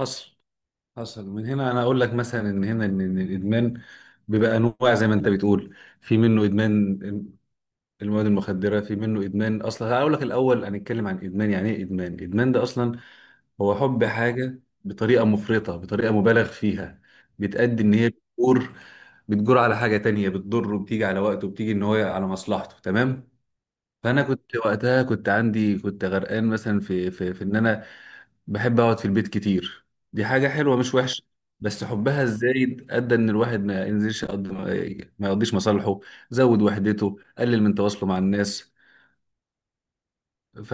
حصل حصل. من هنا انا اقول لك مثلا ان هنا إن الادمان بيبقى انواع زي ما انت بتقول. في منه ادمان المواد المخدره، في منه ادمان. اصلا هقول لك الاول، هنتكلم عن ادمان يعني ايه. ادمان، ادمان ده اصلا هو حب حاجه بطريقه مفرطه، بطريقه مبالغ فيها، بتأدي ان هي بتجور على حاجه تانية، بتضره، بتيجي على وقته، بتيجي ان هو على مصلحته. تمام. فانا كنت وقتها، كنت عندي، كنت غرقان مثلا في في ان انا بحب اقعد في البيت كتير. دي حاجة حلوة مش وحشة، بس حبها الزايد ادى ان الواحد ما ينزلش يقضي، ما يقضيش مصالحه، زود وحدته، قلل من تواصله مع الناس. ف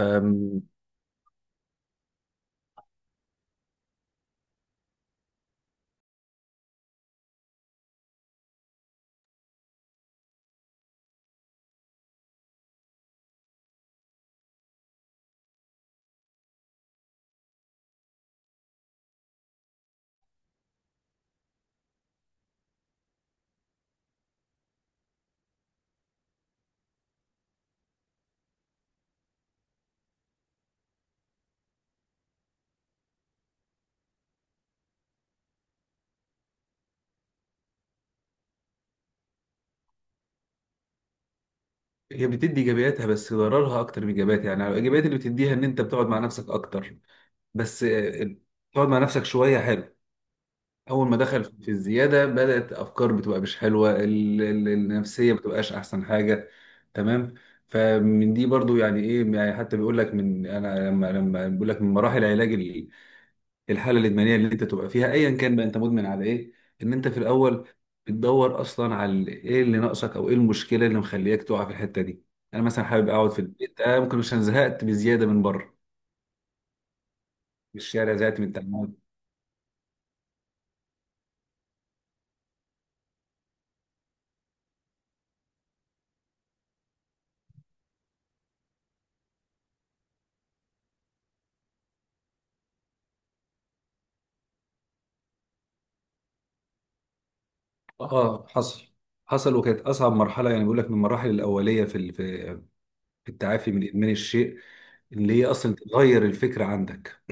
هي بتدي ايجابياتها، بس ضررها اكتر من ايجابياتها. يعني الايجابيات اللي بتديها ان انت بتقعد مع نفسك اكتر، بس آه، تقعد مع نفسك شوية حلو. اول ما دخل في الزياده، بدات افكار بتبقى مش حلوه. النفسيه بتبقاش احسن حاجه. تمام. فمن دي برضو، يعني ايه، يعني حتى بيقول لك من انا، لما بيقول لك من مراحل علاج الحاله الادمانيه اللي انت تبقى فيها، ايا كان بقى انت مدمن على ايه. ان انت في الاول بتدور اصلا على ايه اللي ناقصك، او ايه المشكله اللي مخلياك تقع في الحته دي. انا مثلا حابب اقعد في البيت، آه ممكن عشان زهقت بزياده من بره، من الشارع، زهقت من التعامل. اه حصل. حصل، وكانت اصعب مرحله. يعني بيقول لك من المراحل الاوليه في في التعافي من ادمان الشيء اللي هي اصلا تغير الفكره عندك.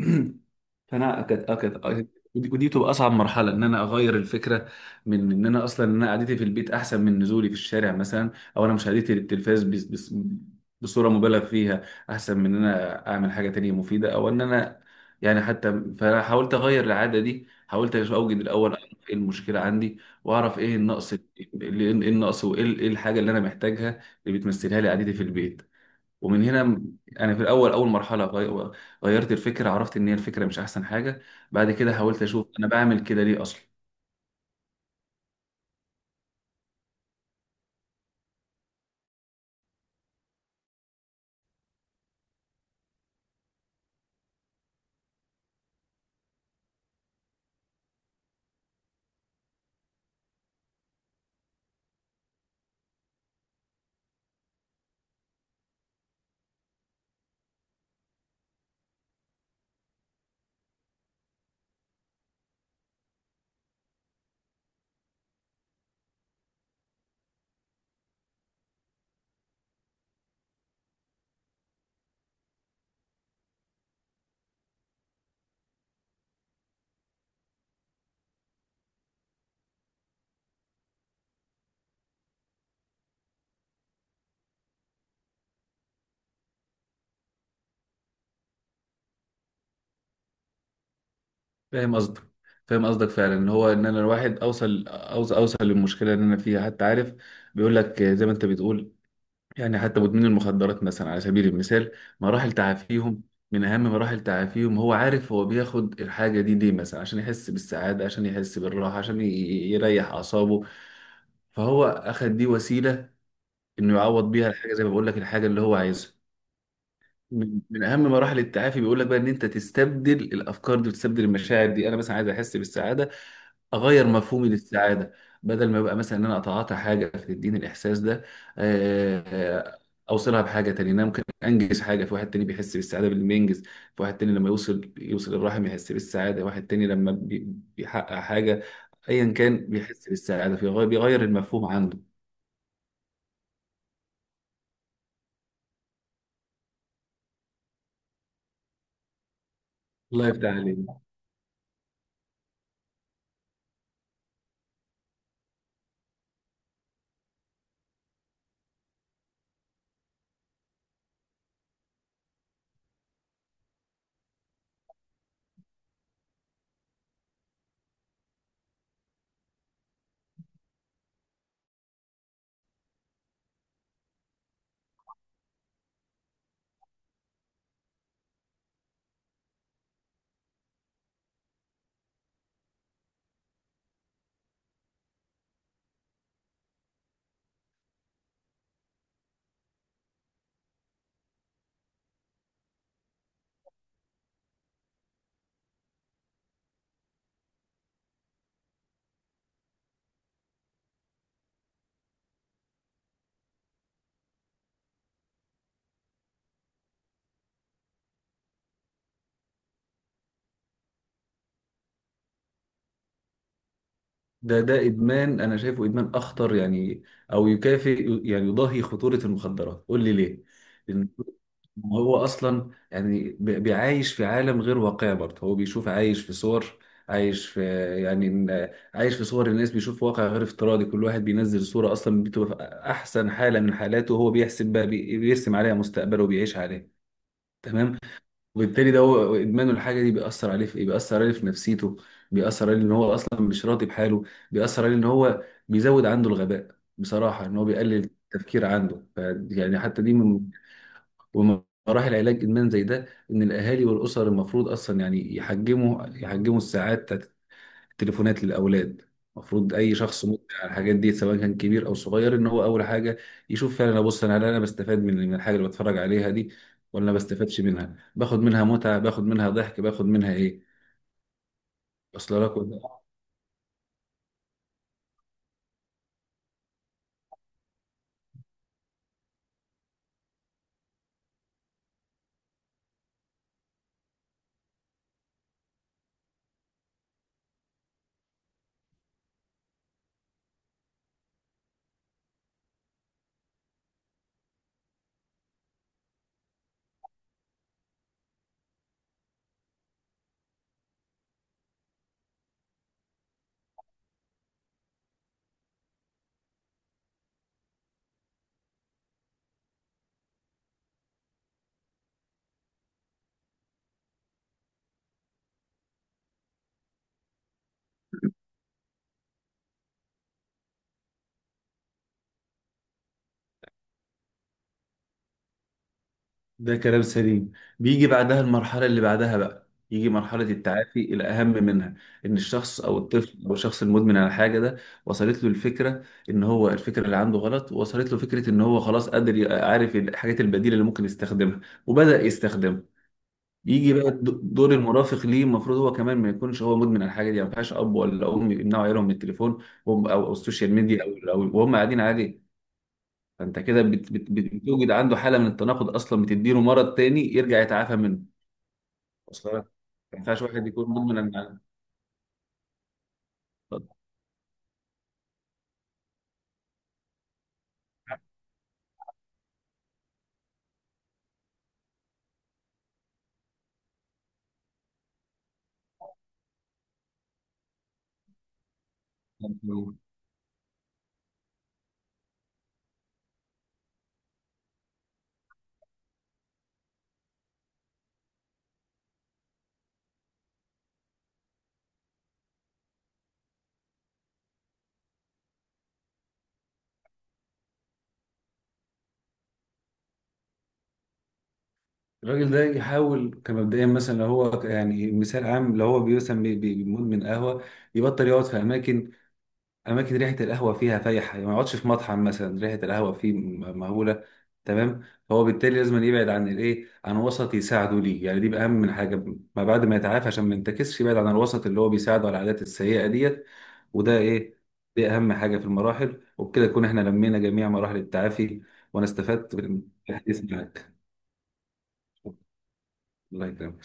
فانا أكد. ودي، ودي بتبقى اصعب مرحله، ان انا اغير الفكره، من ان انا اصلا ان انا قعدتي في البيت احسن من نزولي في الشارع مثلا، او انا مشاهدتي للتلفاز، بس بصوره مبالغ فيها، احسن من ان انا اعمل حاجه تانية مفيده او ان انا، يعني حتى فانا حاولت اغير العاده دي. حاولت اوجد الاول، أعرف ايه المشكله عندي، واعرف ايه النقص، ايه النقص، ايه الحاجه اللي انا محتاجها، اللي بتمثلها لي قعدتي في البيت. ومن هنا انا في الاول، اول مرحله غيرت الفكره، عرفت ان هي الفكره مش احسن حاجه. بعد كده حاولت اشوف انا بعمل كده ليه اصلا. فاهم قصدك. فاهم قصدك فعلا، ان هو ان انا الواحد اوصل للمشكله اللي انا فيها، حتى عارف. بيقول لك آه، زي ما انت بتقول، يعني حتى مدمنين المخدرات مثلا على سبيل المثال، مراحل تعافيهم، من اهم مراحل تعافيهم، هو عارف هو بياخد الحاجه دي ليه، مثلا عشان يحس بالسعاده، عشان يحس بالراحه، عشان يريح اعصابه. فهو اخد دي وسيله انه يعوض بيها الحاجه، زي ما بقول لك، الحاجه اللي هو عايزها. من اهم مراحل التعافي بيقول لك بقى، ان انت تستبدل الافكار دي، وتستبدل المشاعر دي. انا مثلا عايز احس بالسعاده، اغير مفهومي للسعاده. بدل ما يبقى مثلا ان انا اتعاطى حاجه فتديني الاحساس ده، آه، آه، اوصلها بحاجه تانية. إن انا ممكن انجز حاجه، في واحد تاني بيحس بالسعاده باللي ينجز، في واحد تاني لما يوصل الرحم يحس بالسعاده، واحد تاني لما بيحقق حاجه، ايا كان بيحس بالسعاده، فيغير، بيغير المفهوم عنده. الله يفتح عليك. ده ادمان، انا شايفه ادمان اخطر يعني، او يكافئ، يعني يضاهي خطوره المخدرات. قول لي ليه. لان هو اصلا يعني بيعايش في عالم غير واقعي برضه. هو بيشوف عايش في صور، عايش في، يعني عايش في صور الناس، بيشوف واقع غير افتراضي. كل واحد بينزل صوره اصلا بتبقى في احسن حاله من حالاته، وهو بيحسب بقى، بيرسم عليها مستقبله وبيعيش عليها. تمام. وبالتالي ده هو ادمانه. الحاجه دي بيأثر عليه في ايه، بيأثر عليه في نفسيته، بيأثر عليه ان هو اصلا مش راضي بحاله، بيأثر عليه ان هو بيزود عنده الغباء بصراحه، ان هو بيقلل التفكير عنده. يعني حتى دي من، ومن مراحل علاج ادمان زي ده، ان الاهالي والاسر المفروض اصلا يعني يحجموا الساعات تليفونات للاولاد. المفروض اي شخص مدمن على الحاجات دي، سواء كان كبير او صغير، ان هو اول حاجه يشوف فعلا، ابص انا هل انا بستفاد من الحاجه اللي بتفرج عليها دي، ولا ما بستفادش منها، باخد منها متعه، باخد منها ضحك، باخد منها ايه، اصل لك. ده كلام سليم. بيجي بعدها المرحلة اللي بعدها بقى، يجي مرحلة التعافي الأهم منها، إن الشخص أو الطفل أو الشخص المدمن على الحاجة ده وصلت له الفكرة، إن هو الفكرة اللي عنده غلط، وصلت له فكرة إن هو خلاص قادر عارف الحاجات البديلة اللي ممكن يستخدمها، وبدأ يستخدمها. يجي بقى دور المرافق ليه. المفروض هو كمان ما يكونش هو مدمن على الحاجة دي. يعني ما ينفعش أب ولا أم يمنعوا عيالهم من التليفون أو السوشيال ميديا وهم قاعدين عليه. فانت كده بتوجد عنده حاله من التناقض، اصلا بتديله مرض تاني يرجع يتعافى منه. اصلا ما ينفعش واحد يكون مدمن على. الراجل ده يحاول كمبدئيا، مثلا لو هو يعني مثال عام، لو هو مثلا مدمن قهوه، يبطل يقعد في اماكن، اماكن ريحه القهوه فيها فايحه، يعني ما يقعدش في مطعم مثلا ريحه القهوه فيه مهوله. تمام. فهو بالتالي لازم يبعد عن الايه، عن وسط يساعده ليه. يعني دي بقى اهم من حاجه، ما بعد ما يتعافى، عشان ما ينتكسش، يبعد عن الوسط اللي هو بيساعده على العادات السيئه ديت. وده ايه، دي اهم حاجه في المراحل. وبكده نكون احنا لمينا جميع مراحل التعافي، وانا استفدت بالحديث معك. الله يكرمك.